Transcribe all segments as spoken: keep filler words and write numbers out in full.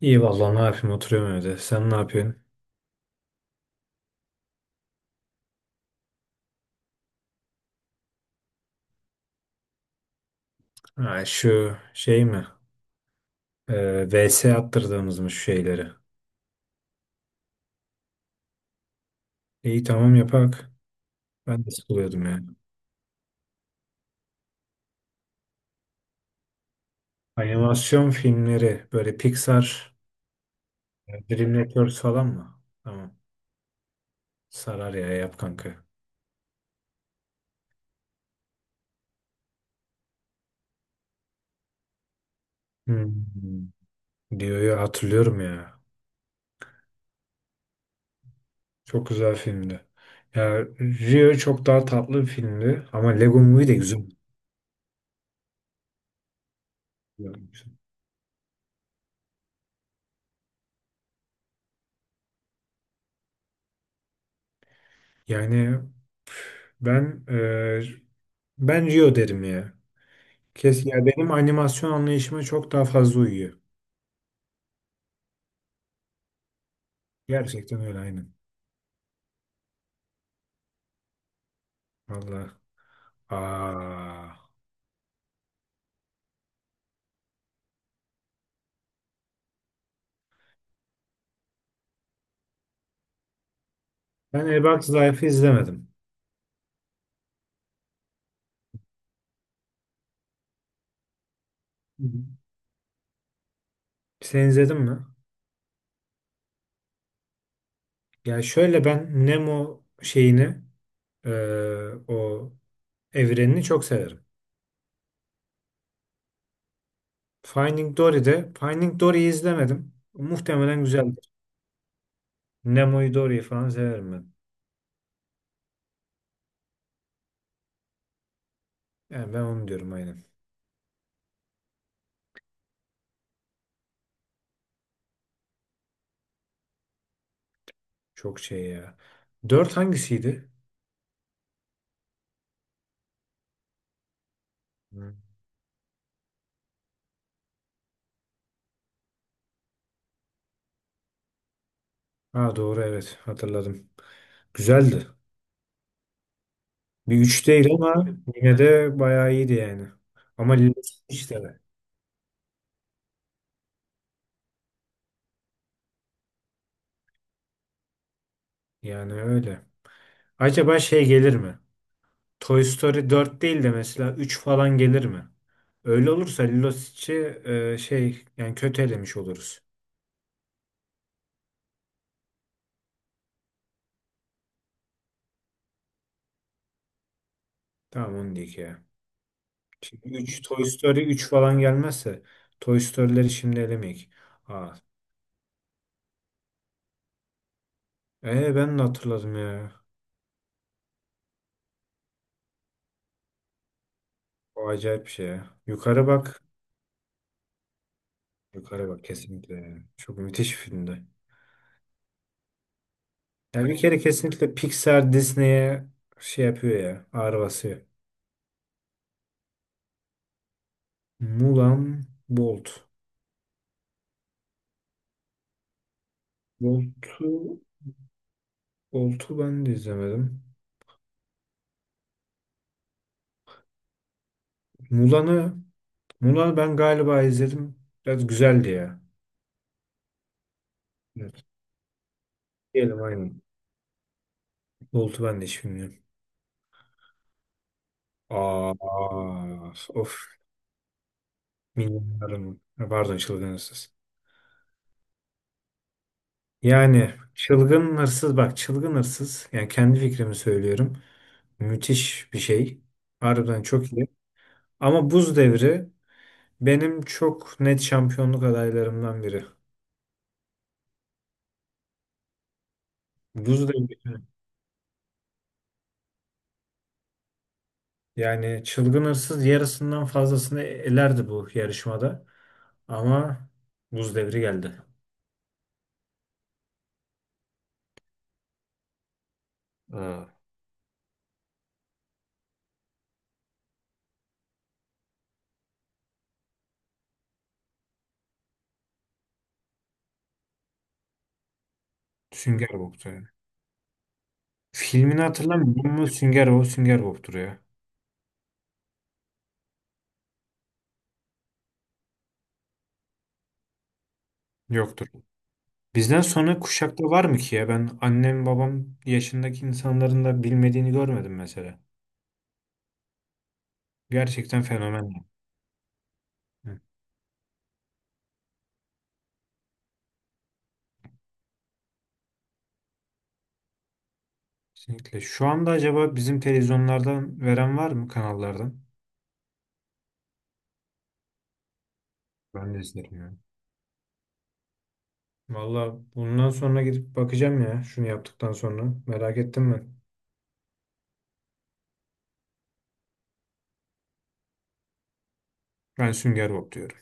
İyi vallahi ne yapayım, oturuyorum evde. Sen ne yapıyorsun? Ha, şu şey mi? Ee, V S attırdığımız mı şu şeyleri? İyi tamam, yapak. Ben de sıkılıyordum yani. Animasyon filmleri böyle Pixar, Dream Networks falan mı? Tamam. Sarar ya, yap kanka. Hmm. Rio'yu hatırlıyorum ya. Çok güzel filmdi. Ya Rio çok daha tatlı bir filmdi ama Lego Movie de güzel. Yani ben e, ben Rio derim ya. Kes ya, benim animasyon anlayışıma çok daha fazla uyuyor. Gerçekten öyle, aynen. Vallahi. Aa. Ben Ebak Zayf'ı izlemedim. Hı hı. Sen izledin mi? Ya şöyle, ben Nemo şeyini eee, o evrenini çok severim. Finding Dory'de Finding Dory'yi izlemedim. Muhtemelen güzeldir. Nemo'yu, Dory'yi falan severim ben. Yani ben onu diyorum, aynen. Çok şey ya. Dört hangisiydi? Hı. Ha doğru, evet hatırladım. Güzeldi. Bir üç değil ama yine de bayağı iyiydi yani. Ama Lilith işte yani öyle. Acaba şey gelir mi? Toy Story dört değil de mesela üç falan gelir mi? Öyle olursa Lilo Stitch'i e, şey yani kötü elemiş oluruz. Tamam, onu diyeyim ya. Şimdi üç, Toy Story üç falan gelmezse Toy Story'leri şimdi elemeyik. Aa, e, ben de hatırladım ya. O acayip bir şey ya. Yukarı bak. Yukarı bak kesinlikle yani. Çok müthiş bir filmdi. Ya bir kere kesinlikle Pixar Disney'e şey yapıyor ya. Ağır basıyor. Mulan, Bolt. Bolt'u Bolt'u ben de izlemedim. Mulan'ı Mulan'ı ben galiba izledim. Biraz güzeldi ya. Evet. Diyelim aynen. Bolt'u ben de hiç bilmiyorum. Aa, of. Milyonlarım. Ha, pardon, çılgın hırsız. Yani çılgın hırsız, bak çılgın hırsız. Yani kendi fikrimi söylüyorum. Müthiş bir şey. Harbiden çok iyi. Ama Buz Devri benim çok net şampiyonluk adaylarımdan biri. Buz devri. Yani çılgın hırsız yarısından fazlasını elerdi bu yarışmada. Ama buz devri geldi. Ha. Sünger Bob'tu yani. Filmini hatırlamıyorum ama Sünger Bob Sünger Bob'tur ya. Yoktur. Bizden sonra kuşakta var mı ki ya? Ben annem babam yaşındaki insanların da bilmediğini görmedim mesela. Gerçekten fenomen ya. Hı. Kesinlikle. Şu anda acaba bizim televizyonlardan veren var mı, kanallardan? Ben de izlerim yani. Valla bundan sonra gidip bakacağım ya, şunu yaptıktan sonra. Merak ettim ben. Ben Sünger Bob diyorum.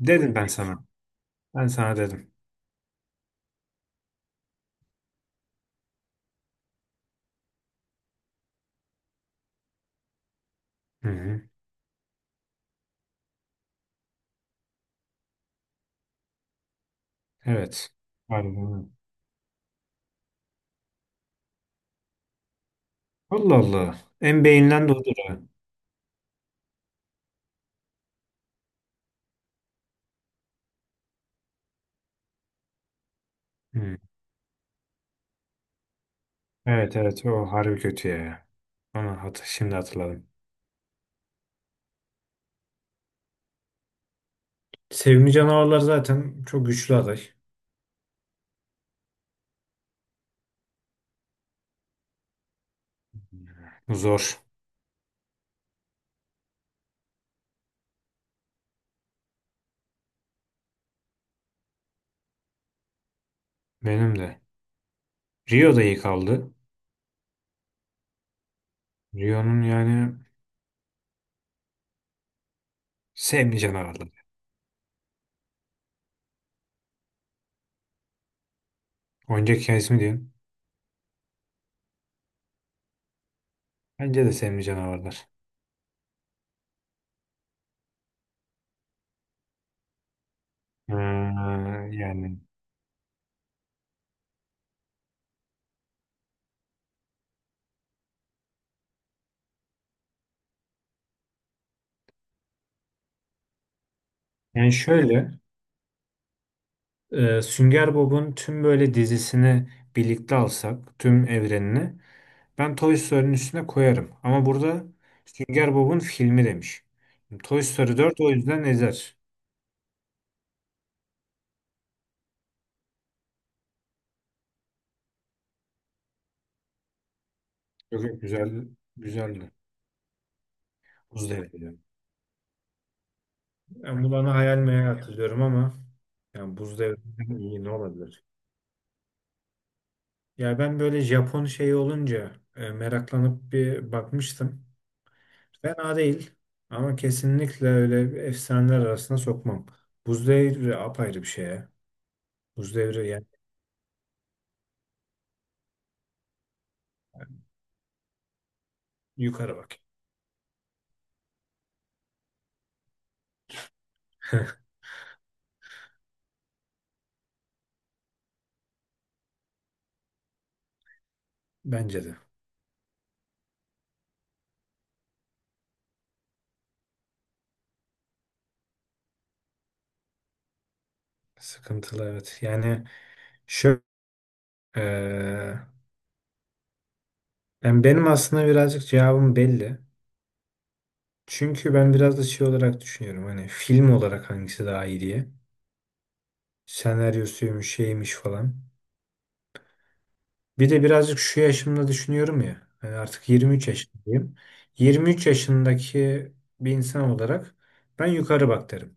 Dedim ben sana. Ben sana dedim. Hı hı. Evet. Harbi ha. Allah Allah. En beyinden de odur ha. Hı. Evet evet, o harbi kötü ya. Ama hat şimdi hatırladım. Sevimli canavarlar zaten çok güçlü aday. Zor. Benim de. Rio da iyi kaldı. Rio'nun yani, sevimli canavarlar. Oyuncak hikayesi mi diyorsun? Bence de sevimli canavarlar. Ha, yani, yani şöyle, e, Sünger Bob'un tüm böyle dizisini birlikte alsak, tüm evrenini ben Toy Story'nin üstüne koyarım. Ama burada Sünger Bob'un filmi demiş. Toy Story dört, o yüzden ezer. Çok güzel, güzeldi. Buz Devri yani. Ben bunu bana hayal meyal hatırlıyorum ama yani Buz Devri'nden iyi ne olabilir? Ya ben böyle Japon şeyi olunca e, meraklanıp bir bakmıştım. Fena değil ama kesinlikle öyle bir efsaneler arasına sokmam. Buz devri apayrı bir şey ya. Buz devri yani, yukarı bak. Bence de. Sıkıntılı, evet. Yani şöyle eee, ben benim aslında birazcık cevabım belli. Çünkü ben biraz da şey olarak düşünüyorum. Hani film olarak hangisi daha iyi diye. Senaryosuymuş, şeymiş falan. Bir de birazcık şu yaşımda düşünüyorum ya, yani artık yirmi üç yaşındayım. yirmi üç yaşındaki bir insan olarak ben yukarı bak derim.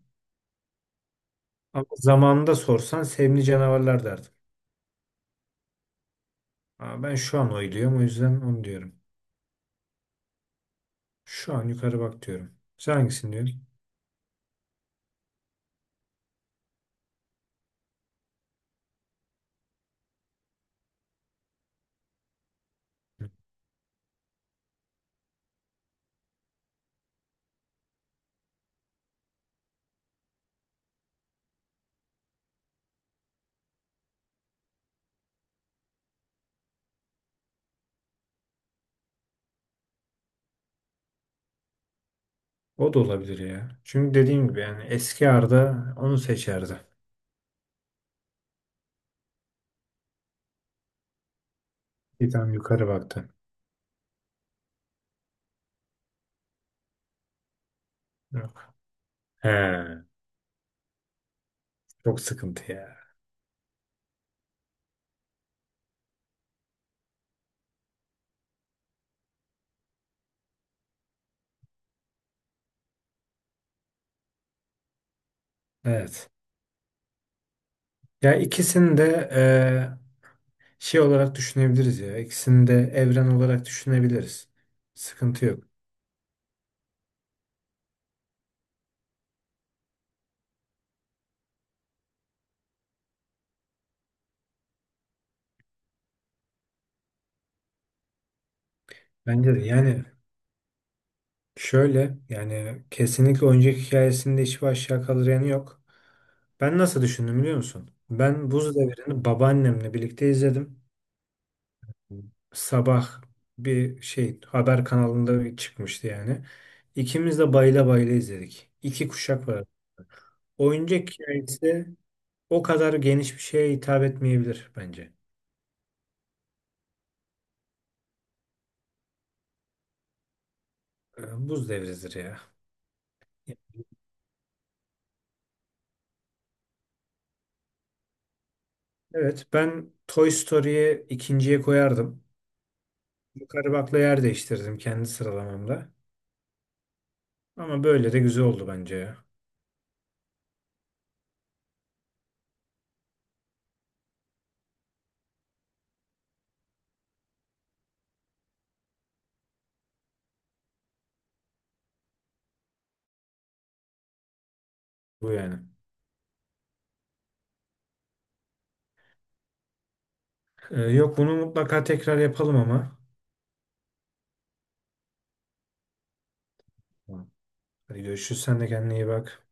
Ama zamanında sorsan sevimli canavarlar derdim. Ama ben şu an oyluyorum, o yüzden onu diyorum. Şu an yukarı bak diyorum. Sen hangisini diyorsun? O da olabilir ya. Çünkü dediğim gibi yani eski Arda onu seçerdi. Bir tane yukarı baktı. Yok. He, çok sıkıntı ya. Evet. Ya ikisini de e, Şey olarak düşünebiliriz ya. İkisini de evren olarak düşünebiliriz. Sıkıntı yok. Bence de yani şöyle, yani kesinlikle oyuncak hikayesinde hiçbir aşağı kalır yanı yok. Ben nasıl düşündüm biliyor musun? Ben Buz Devri'ni babaannemle birlikte izledim. Sabah bir şey haber kanalında bir çıkmıştı yani. İkimiz de bayıla bayıla izledik. İki kuşak var. Oyuncak hikayesi o kadar geniş bir şeye hitap etmeyebilir bence. Ee, Buz Devri'dir ya. Evet, ben Toy Story'yi ikinciye koyardım. Yukarı bakla yer değiştirdim kendi sıralamamda. Ama böyle de güzel oldu bence ya. Bu yani. Ee, yok, bunu mutlaka tekrar yapalım ama. Tamam. Hadi görüşürüz. Sen de kendine iyi bak.